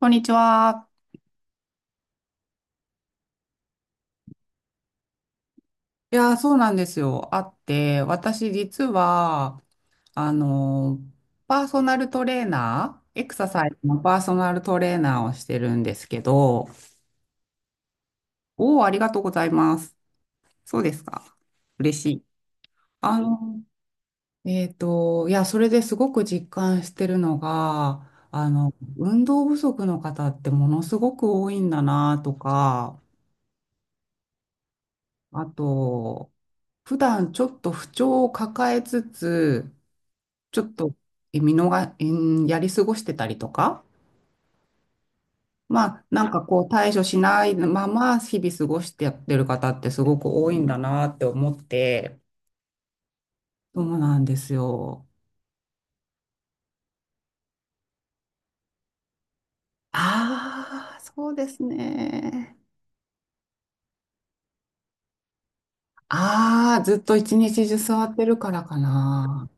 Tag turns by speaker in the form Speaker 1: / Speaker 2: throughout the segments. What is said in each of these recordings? Speaker 1: こんにちは。いやー、そうなんですよ。あって、私実は、あのー、パーソナルトレーナー、エクササイズのパーソナルトレーナーをしてるんですけど、おお、ありがとうございます。そうですか。嬉しい。あのいや、それですごく実感してるのが、運動不足の方ってものすごく多いんだなとか、あと、普段ちょっと不調を抱えつつ、ちょっとえ見逃、えーやり過ごしてたりとか、まあ、なんかこう対処しないまま日々過ごしてやってる方ってすごく多いんだなって思って、そうなんですよ。ああ、そうですね。ああ、ずっと一日中座ってるからかな。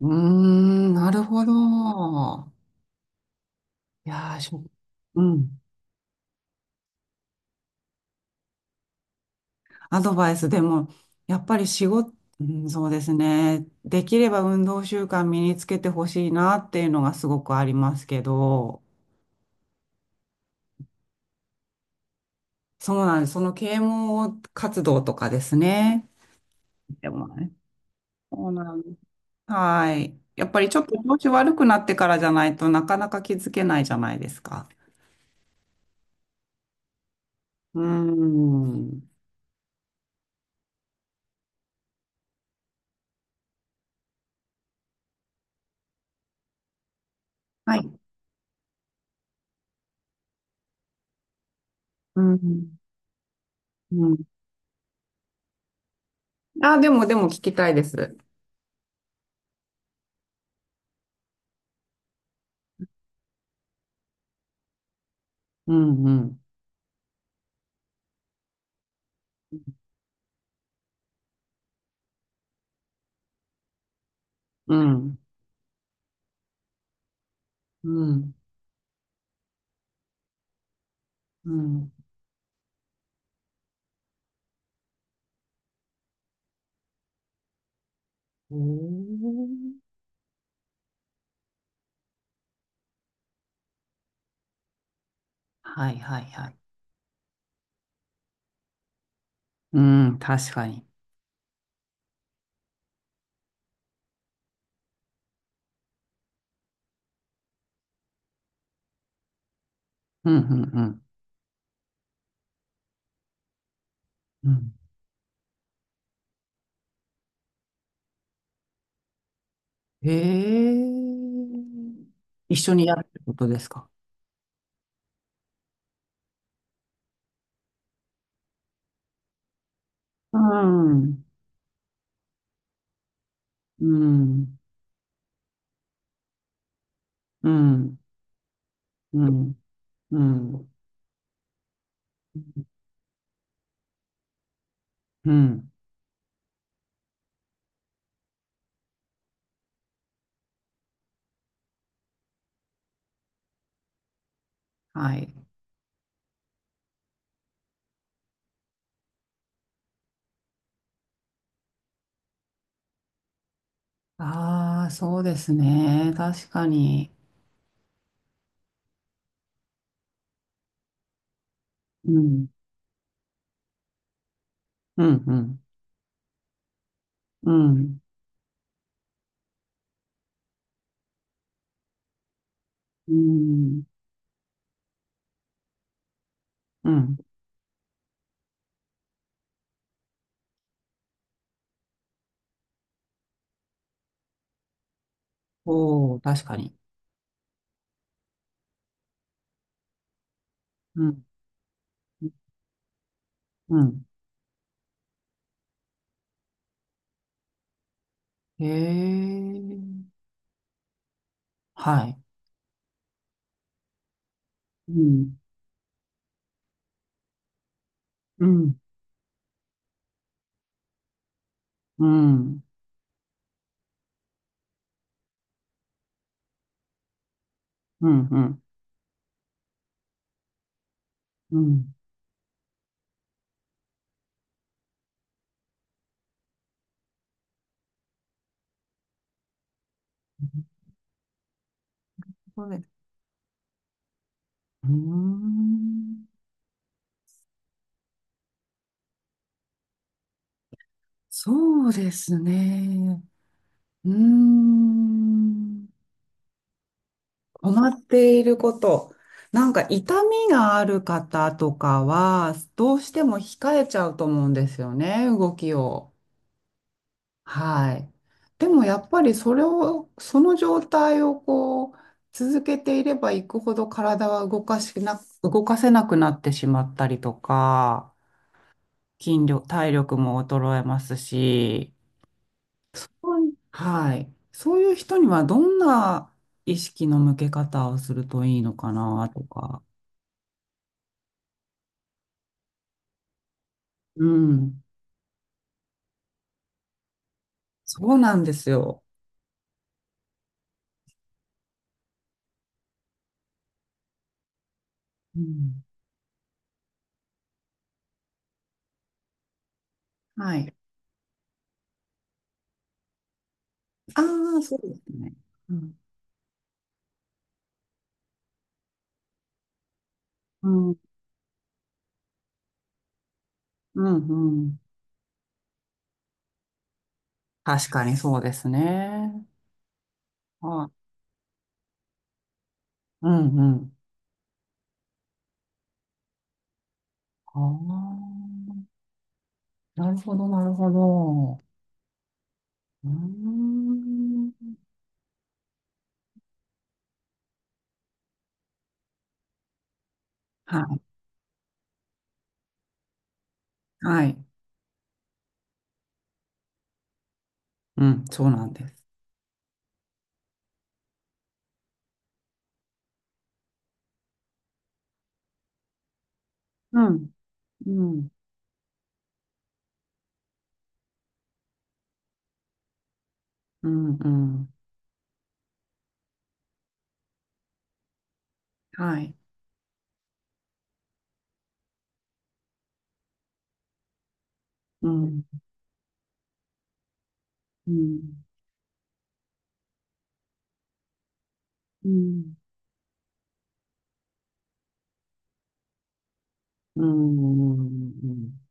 Speaker 1: うーん、なるほど。いやー、うん。アドバイスでも、やっぱり仕事、うんそうですね。できれば運動習慣身につけてほしいなっていうのがすごくありますけど、そうなんです。その啓蒙活動とかですね。でもね。そうなんです。はい。やっぱりちょっと調子悪くなってからじゃないとなかなか気づけないじゃないですか。うーん。はい。うん。うん。あ、でも聞きたいです。うん、うん。うん。うん。うん。おーはいはいはい。うん、確かに。うん、うん、うん。うんへえ。一緒にやるってことですか？うん、うん、うん、うん、うん、うん。はい。ああ、そうですね。確かに。うん、うん、うん、うん、うん、うん。おお、確かに。うん、うん。へえ。はい。うん、うん、うん、うん、うん、うん。そうです。うーん。そうですね。うーん。困っていること。なんか痛みがある方とかは、どうしても控えちゃうと思うんですよね、動きを。はい。でもやっぱりそれを、その状態をこう、続けていればいくほど体は動かせなくなってしまったりとか、筋力、体力も衰えますし、そういはい。そういう人にはどんな意識の向け方をするといいのかなとか。うん。そうなんですよ。うん。はい。ああ、そうですね。うん。うん。うん。うん確かにそうですね。はい。うん。うん。ああ。なるほど、なるほど。うーん。はい。はい。うん。そうなんです。うん。うん。うん。うん。はい。うん。うん。うん。うんうん。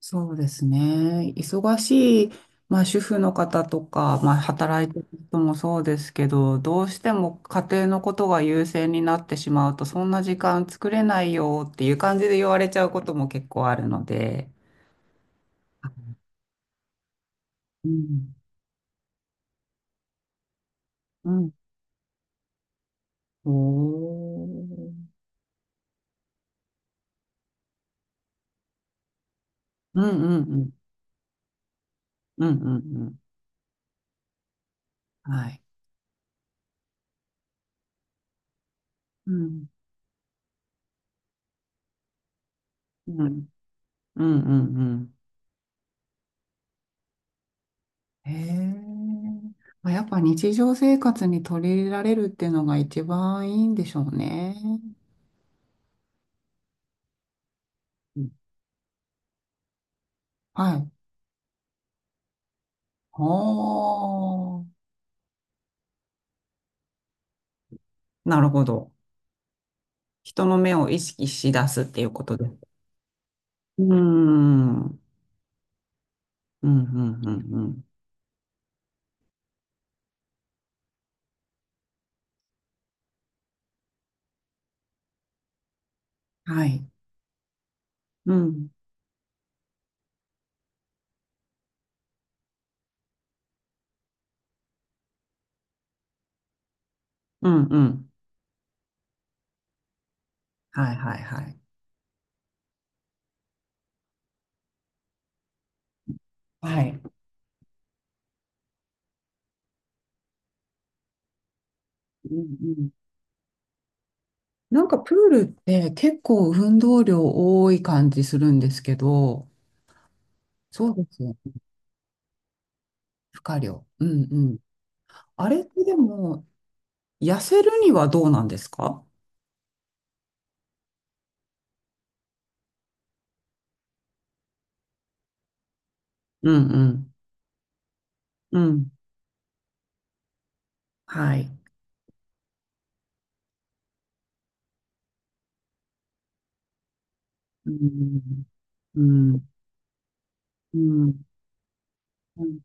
Speaker 1: そうですね。忙しい、まあ、主婦の方とか、まあ、働いてる人もそうですけど、どうしても家庭のことが優先になってしまうと、そんな時間作れないよっていう感じで言われちゃうことも結構あるので。うん、うん。おー。うん、うん、うん、うん、うん、うんはい。うん、うん、うん、うん、うん。へえ。まあやっぱ日常生活に取り入れられるっていうのが一番いいんでしょうね。うんはい。おー。なるほど。人の目を意識し出すっていうことです。うーん。うん、うん、うん、うん。はい。うん、うん、うん。はい、はい、はい。はい。うんうんなんかプールって結構運動量多い感じするんですけど、そうですよ。負荷量。うんうん。あれってでも、痩せるにはどうなんですか？うんうん。うん。はい。うん。うん。うん。うん。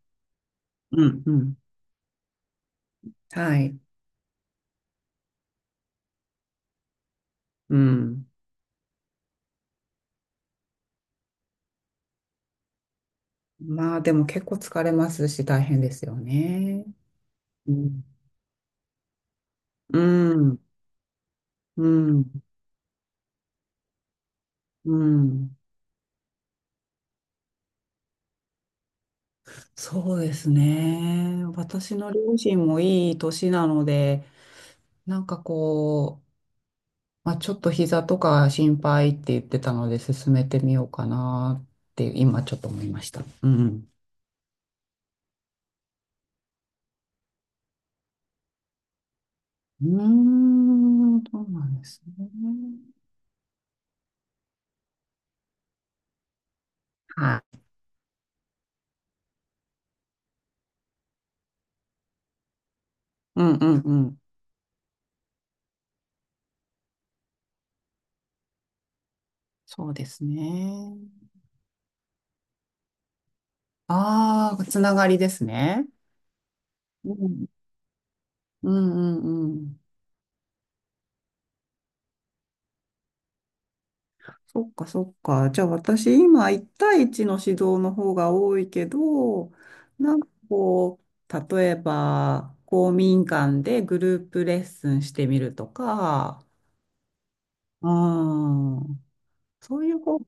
Speaker 1: うん。うんはい。うん。まあでも結構疲れますし大変ですよね。うん。うん。うん。うんそうですね。私の両親もいい年なので、なんかこう、まあ、ちょっと膝とか心配って言ってたので、進めてみようかなって今ちょっと思いました。うん。うーん、そうなんですね。はい。うんうんうん。そうですね。ああ、つながりですね。うん、うんうんうん。そっかそっか。じゃあ私今1対1の指導の方が多いけど、なんかこう、例えば公民館でグループレッスンしてみるとか、うん、そういうこ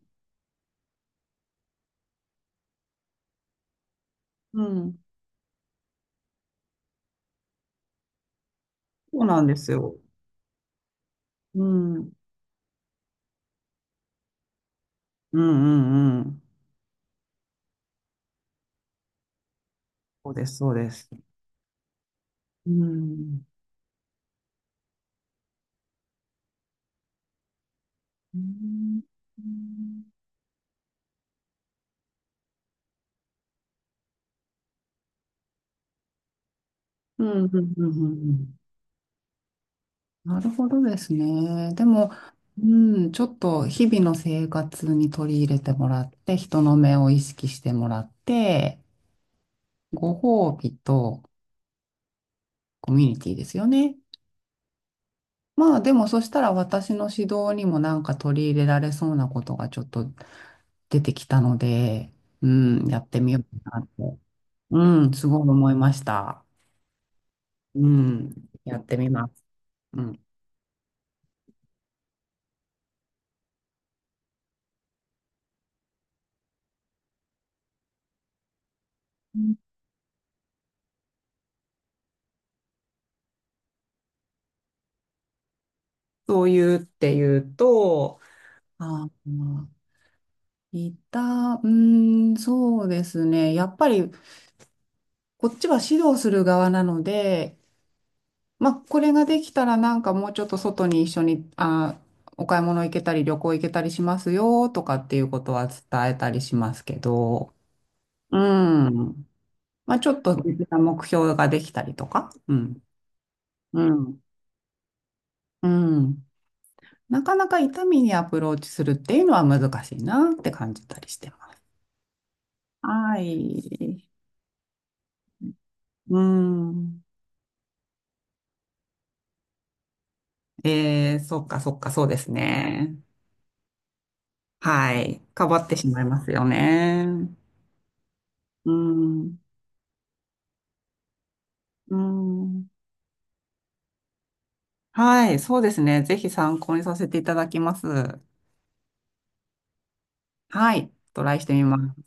Speaker 1: う、うん、そうなんですよ。うん、うんうんうん。そうです、そうです。うん。うん。うん。うんうんうんなるほどですね。でも、うん、ちょっと日々の生活に取り入れてもらって、人の目を意識してもらって、ご褒美とコミュニティですよね。まあでもそしたら私の指導にもなんか取り入れられそうなことがちょっと出てきたので、うん、やってみようかなって、うん、すごい思いました。うん、やってみます。うん。そういうっていうと、あー、うーん、そうですね。やっぱり、こっちは指導する側なので、まあ、これができたらなんかもうちょっと外に一緒に、あー、お買い物行けたり、旅行行けたりしますよとかっていうことは伝えたりしますけど、うん。まあ、ちょっと別な目標ができたりとか、うん。うん。うん。なかなか痛みにアプローチするっていうのは難しいなって感じたりしてます。はい。うん。えー、そっかそっか、そうですね。はい。かばってしまいますよね。うん。うん。はい。そうですね。ぜひ参考にさせていただきます。はい。トライしてみます。